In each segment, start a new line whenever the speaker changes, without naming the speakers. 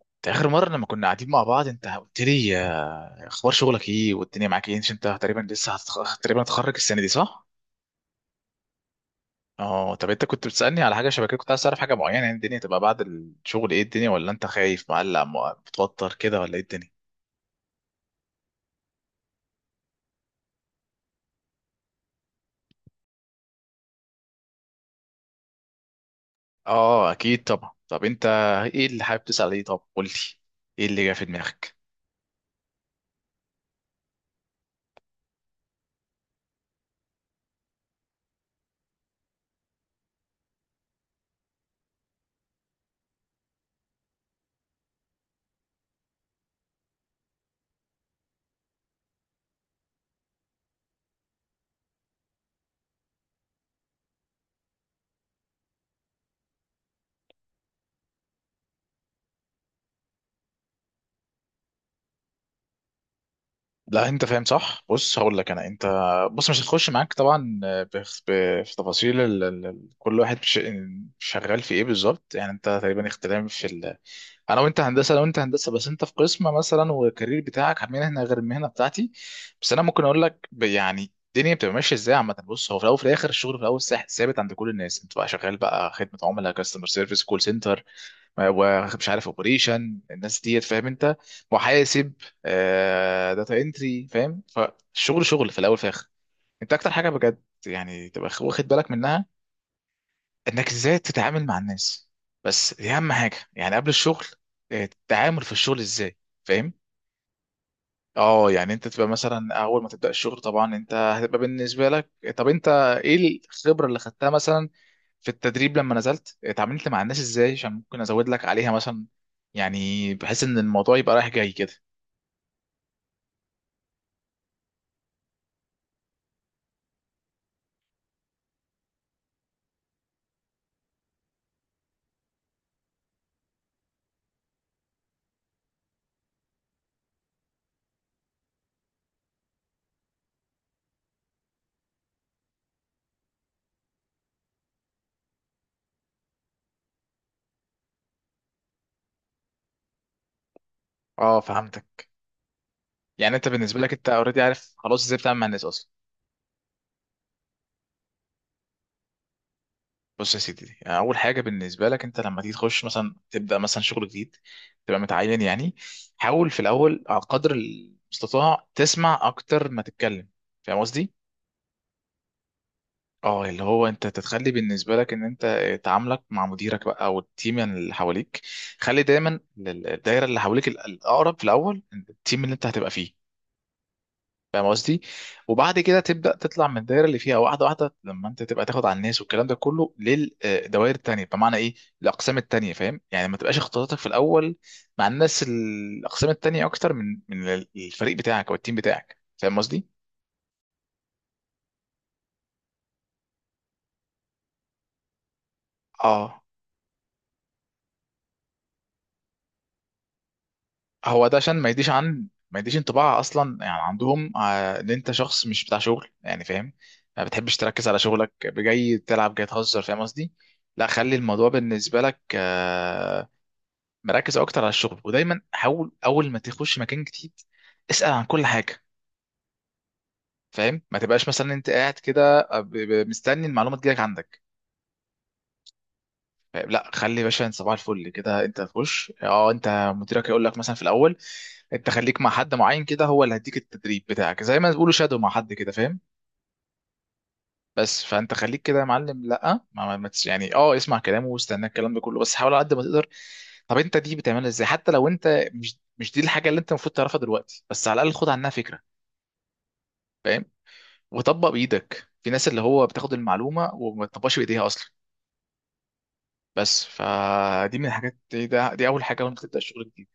انت اخر مره لما كنا قاعدين مع بعض انت قلت لي اخبار شغلك ايه والدنيا معاك ايه؟ عشان انت تقريبا تقريبا هتخرج السنه دي صح؟ اه، طب انت كنت بتسالني على حاجه شبكيه، كنت عايز تعرف حاجه معينه، يعني الدنيا تبقى بعد الشغل ايه الدنيا، ولا انت خايف مقلق متوتر كده ولا ايه الدنيا؟ اه اكيد طبعا. طب انت ايه اللي حابب تسال؟ ايه طب قول لي، ايه اللي جه في دماغك؟ لا انت فاهم صح، بص هقول لك. انت بص مش هتخش معاك طبعا في تفاصيل كل واحد شغال في ايه بالظبط، يعني انت تقريبا اختلاف في انا وانت هندسه، بس انت في قسم مثلا والكارير بتاعك مهنه غير المهنه بتاعتي. بس انا ممكن اقول لك يعني الدنيا بتبقى ماشيه ازاي عامه. بص هو في الاول وفي الاخر الشغل في الاول ثابت عند كل الناس، انت بقى شغال بقى خدمه عملاء، كاستمر سيرفيس، كول سنتر، ومش عارف اوبريشن، الناس ديت فاهم انت، محاسب، آه داتا انتري، فاهم؟ فالشغل شغل في الاول في الاخر. انت اكتر حاجه بجد يعني تبقى واخد بالك منها انك ازاي تتعامل مع الناس. بس دي اهم حاجه يعني قبل الشغل، التعامل في الشغل ازاي، فاهم؟ اه يعني انت تبقى مثلا اول ما تبدا الشغل، طبعا انت هتبقى بالنسبه لك. طب انت ايه الخبره اللي خدتها مثلا في التدريب لما نزلت، اتعاملت مع الناس ازاي عشان ممكن ازود لك عليها مثلا، يعني بحيث ان الموضوع يبقى رايح جاي كده. اه فهمتك، يعني انت بالنسبه لك انت اوريدي عارف خلاص ازاي بتعمل مع الناس اصلا. بص يا سيدي، يعني اول حاجه بالنسبه لك انت لما تيجي تخش مثلا تبدا مثلا شغل جديد، تبقى متعين يعني، حاول في الاول على قدر المستطاع تسمع اكتر ما تتكلم، فاهم قصدي؟ اه، اللي هو انت تتخلي بالنسبه لك ان انت تعاملك مع مديرك بقى او التيم اللي حواليك، خلي دايما الدايره اللي حواليك الاقرب في الاول، التيم اللي انت هتبقى فيه، فاهم قصدي؟ وبعد كده تبدا تطلع من الدايره اللي فيها واحده واحده لما انت تبقى تاخد على الناس والكلام ده كله للدوائر التانيه، بمعنى ايه؟ الاقسام التانيه، فاهم؟ يعني ما تبقاش اختلاطاتك في الاول مع الناس الاقسام التانيه اكتر من الفريق بتاعك او التيم بتاعك، فاهم قصدي؟ اه، هو ده عشان ما يديش انطباع اصلا يعني عندهم ان انت شخص مش بتاع شغل، يعني فاهم، ما بتحبش تركز على شغلك، جاي تلعب، جاي تهزر، فاهم قصدي؟ لا خلي الموضوع بالنسبه لك مركز اكتر على الشغل. ودايما حاول اول ما تخش مكان جديد اسال عن كل حاجه، فاهم؟ ما تبقاش مثلا انت قاعد كده مستني المعلومه تجيلك عندك. لا خلي يا باشا، انت صباح الفل كده انت تخش، اه انت مديرك يقول لك مثلا في الاول انت خليك مع حد معين كده، هو اللي هيديك التدريب بتاعك، زي ما بيقولوا شادو مع حد كده، فاهم؟ بس فانت خليك كده يا معلم، لا ما ما ما تس- يعني اه اسمع كلامه واستنى الكلام ده كله، بس حاول على قد ما تقدر. طب انت دي بتعملها ازاي حتى لو انت مش دي الحاجه اللي انت المفروض تعرفها دلوقتي، بس على الاقل خد عنها فكره، فاهم؟ وطبق بايدك، في ناس اللي هو بتاخد المعلومه وما تطبقش بايديها اصلا. بس فدي من الحاجات دي اول حاجه وانت تبدا الشغل جديد.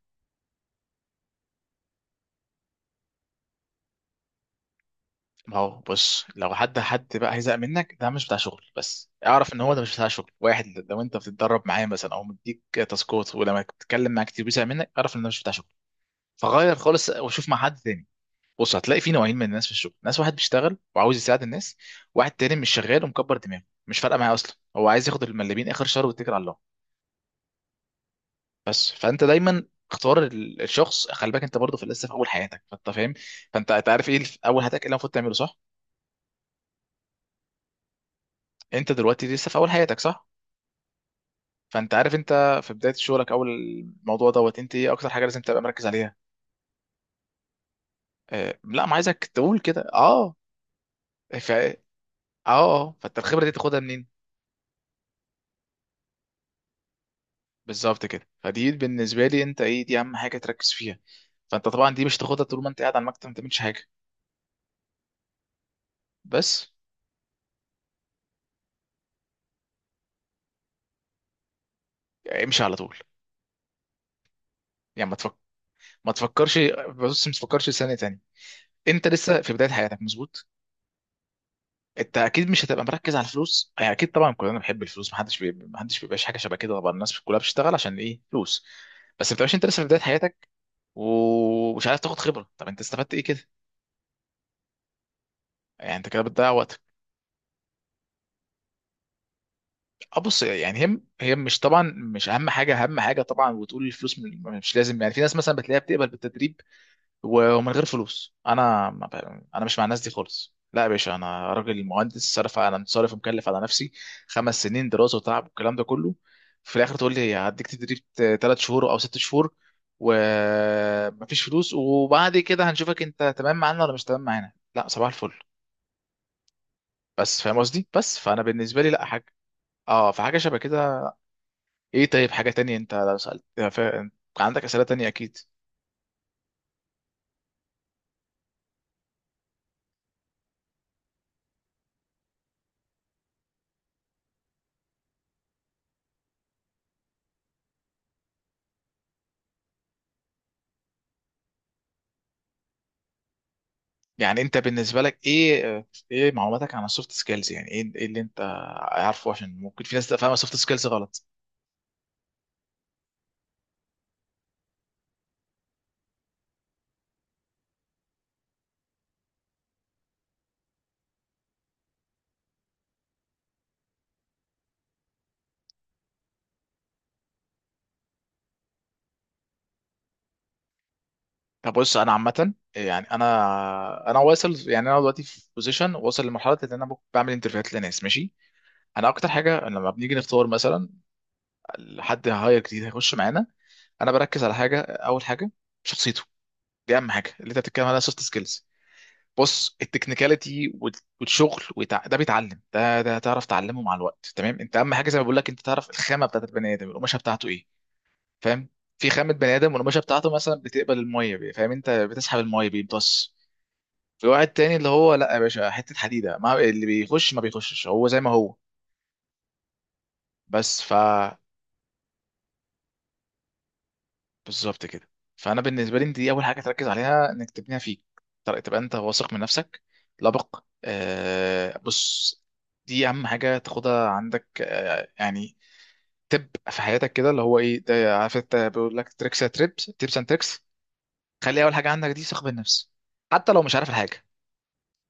ما هو بص لو حد بقى هيزهق منك ده مش بتاع شغل، بس اعرف ان هو ده مش بتاع شغل. واحد لو انت بتتدرب معاه مثلا او مديك تاسكات، ولما بتتكلم معاه كتير بيزهق منك، اعرف ان ده مش بتاع شغل، فغير خالص وشوف مع حد تاني. بص هتلاقي في نوعين من الناس في الشغل، ناس واحد بيشتغل وعاوز يساعد الناس، واحد تاني مش شغال ومكبر دماغه مش فارقه معاه اصلا، هو عايز ياخد المليمين اخر شهر ويتكل على الله. بس فانت دايما اختار الشخص. خلي بالك انت برضه في لسه في اول حياتك، فانت فاهم، فانت أنت عارف ايه في اول حياتك ايه اللي المفروض تعمله صح؟ انت دلوقتي لسه في اول حياتك صح؟ فانت عارف انت في بدايه شغلك، اول الموضوع دوت انت ايه اكتر حاجه لازم تبقى مركز عليها؟ آه لا ما عايزك تقول كده. اه ف اه اه فانت الخبره دي تاخدها منين؟ بالظبط كده، فدي بالنسبه لي انت ايه، دي اهم حاجه تركز فيها. فانت طبعا دي مش تاخدها طول ما انت قاعد على المكتب ما تعملش حاجه، بس امشي على طول. يعني ما تفكرش بص، ما تفكرش ثانيه تانية. انت لسه في بدايه حياتك مظبوط، انت اكيد مش هتبقى مركز على الفلوس، يعني اكيد طبعا كلنا بنحب الفلوس، محدش بيبقاش حاجه شبه كده، طبعا الناس كلها بتشتغل عشان ايه؟ فلوس. بس ما بتبقاش، انت لسه في بدايه حياتك ومش عارف تاخد خبره، طب انت استفدت ايه كده؟ يعني انت كده بتضيع وقتك. اه بص يعني هي مش طبعا مش اهم حاجه، اهم حاجه طبعا. وتقول الفلوس مش لازم، يعني في ناس مثلا بتلاقيها بتقبل بالتدريب ومن غير فلوس، انا ما ب- انا مش مع الناس دي خالص. لا يا باشا، انا راجل مهندس صرف، انا صارف ومكلف على نفسي خمس سنين دراسه وتعب والكلام ده كله، في الاخر تقول لي هديك تدريب ثلاث شهور او ست شهور ومفيش فلوس، وبعد كده هنشوفك انت تمام معانا ولا مش تمام معانا؟ لا صباح الفل، بس فاهم قصدي. بس فانا بالنسبه لي لا، حاجه اه فحاجه شبه كده. ايه طيب، حاجه تانية انت لو سالت عندك اسئله تانية اكيد. يعني انت بالنسبه لك ايه، ايه معلوماتك عن السوفت سكيلز؟ يعني ايه، ايه اللي انت عارفه، عشان ممكن في ناس تبقى فاهمه السوفت سكيلز غلط. طب بص انا عامه يعني انا واصل، يعني انا دلوقتي في بوزيشن واصل لمرحله ان انا بعمل انترفيوهات لناس، ماشي. انا اكتر حاجه لما بنيجي نختار مثلا حد هاير جديد هيخش معانا، انا بركز على حاجه، اول حاجه شخصيته. دي اهم حاجه اللي انت بتتكلم عليها سوفت سكيلز. بص التكنيكاليتي والشغل ده بيتعلم، ده تعرف تعلمه مع الوقت تمام. انت اهم حاجه زي ما بقول لك، انت تعرف الخامه بتاعت البني ادم، القماشه بتاعته ايه، فاهم؟ في خامه بني ادم والقماشه بتاعته مثلا بتقبل الميه فاهم، انت بتسحب الميه بيمتص. في واحد تاني اللي هو لا يا باشا، حته حديده، ما اللي بيخش ما بيخشش، هو زي ما هو. بس فا بالظبط كده. فانا بالنسبه لي دي اول حاجه تركز عليها انك تبنيها فيك، تبقى انت واثق من نفسك، لبق آه بص. دي اهم حاجه تاخدها عندك آه، يعني تبقى في حياتك كده اللي هو ايه ده، عارف انت بيقول لك تريكس، تيبس اند تريكس. خلي اول حاجه عندك دي ثقه بالنفس، حتى لو مش عارف الحاجه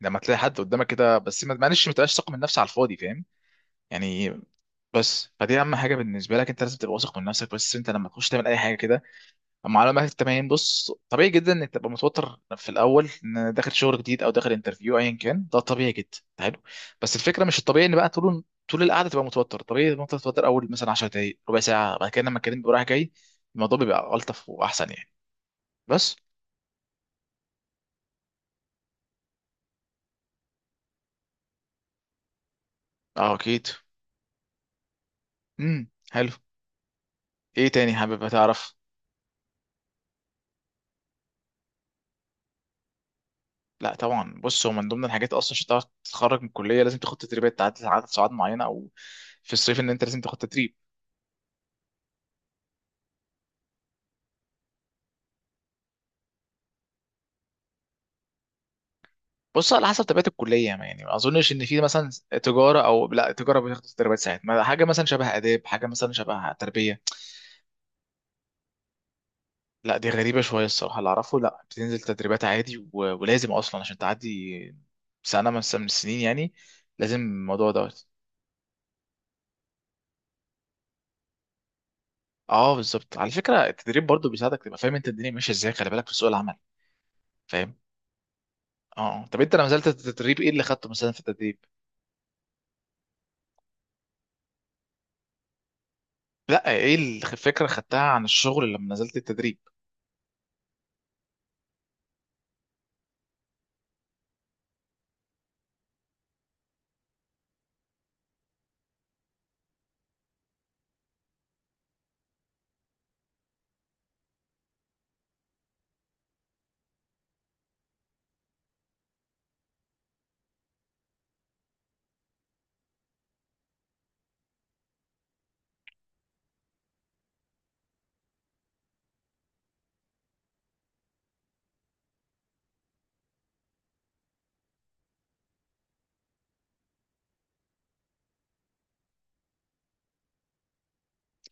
لما تلاقي حد قدامك كده، بس ما معلش ما تبقاش ثقه من نفسك على الفاضي، فاهم يعني؟ بس فدي اهم حاجه بالنسبه لك، انت لازم تبقى واثق من نفسك بس انت لما تخش تعمل اي حاجه كده. معلومات التمارين، بص طبيعي جدا انك تبقى متوتر في الاول ان داخل شغل جديد او داخل انترفيو ايا كان، ده طبيعي جدا، حلو. بس الفكره مش الطبيعي ان بقى طول القعده تبقى متوتر، طبيعي ان انت تتوتر اول مثلا 10 دقائق ربع ساعه، بعد كده لما الكلام بيبقى رايح جاي الموضوع بيبقى الطف واحسن يعني. بس اه اكيد. حلو، ايه تاني حابب تعرف؟ لا طبعا بص، هو من ضمن الحاجات اصلا عشان تعرف تتخرج من الكليه لازم تاخد تدريبات عدد ساعات معينه، او في الصيف ان انت لازم تاخد تدريب. بص على حسب طبيعه الكليه، يعني ما اظنش ان في مثلا تجاره، او لا تجاره بتاخد تدريبات ساعات ما، حاجه مثلا شبه اداب، حاجه مثلا شبه تربيه. لا دي غريبه شويه الصراحه، اللي اعرفه لا، بتنزل تدريبات عادي ولازم اصلا عشان تعدي سنه من السنين يعني، لازم الموضوع دوت. اه بالظبط، على فكره التدريب برضو بيساعدك تبقى فاهم انت الدنيا ماشيه ازاي، خلي بالك، في سوق العمل، فاهم؟ اه طب انت لما نزلت التدريب ايه اللي خدته مثلا في التدريب؟ لا ايه الفكره خدتها عن الشغل لما نزلت التدريب؟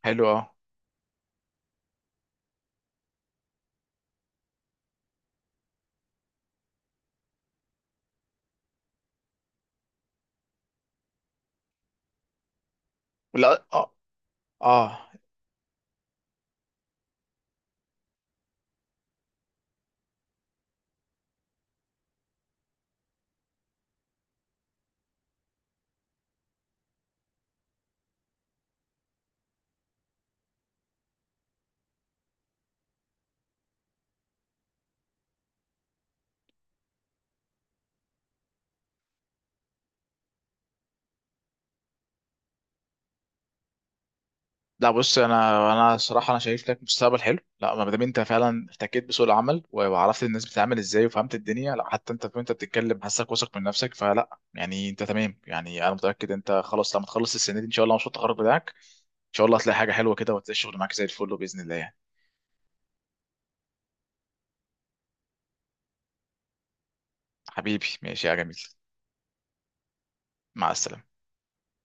حلو اه. لا اه اه. لا بص انا، صراحه انا شايف لك مستقبل حلو، لا ما دام انت فعلا احتكيت بسوق العمل وعرفت الناس بتتعامل ازاي وفهمت الدنيا، لا حتى انت وانت بتتكلم حاسك واثق من نفسك، فلا يعني انت تمام. يعني انا متاكد انت خلاص لما تخلص السنه دي ان شاء الله، مشروع التخرج بتاعك ان شاء الله هتلاقي حاجه حلوه كده، وهتلاقي الشغل معاك زي الفل باذن الله يعني. حبيبي ماشي يا جميل، مع السلامه.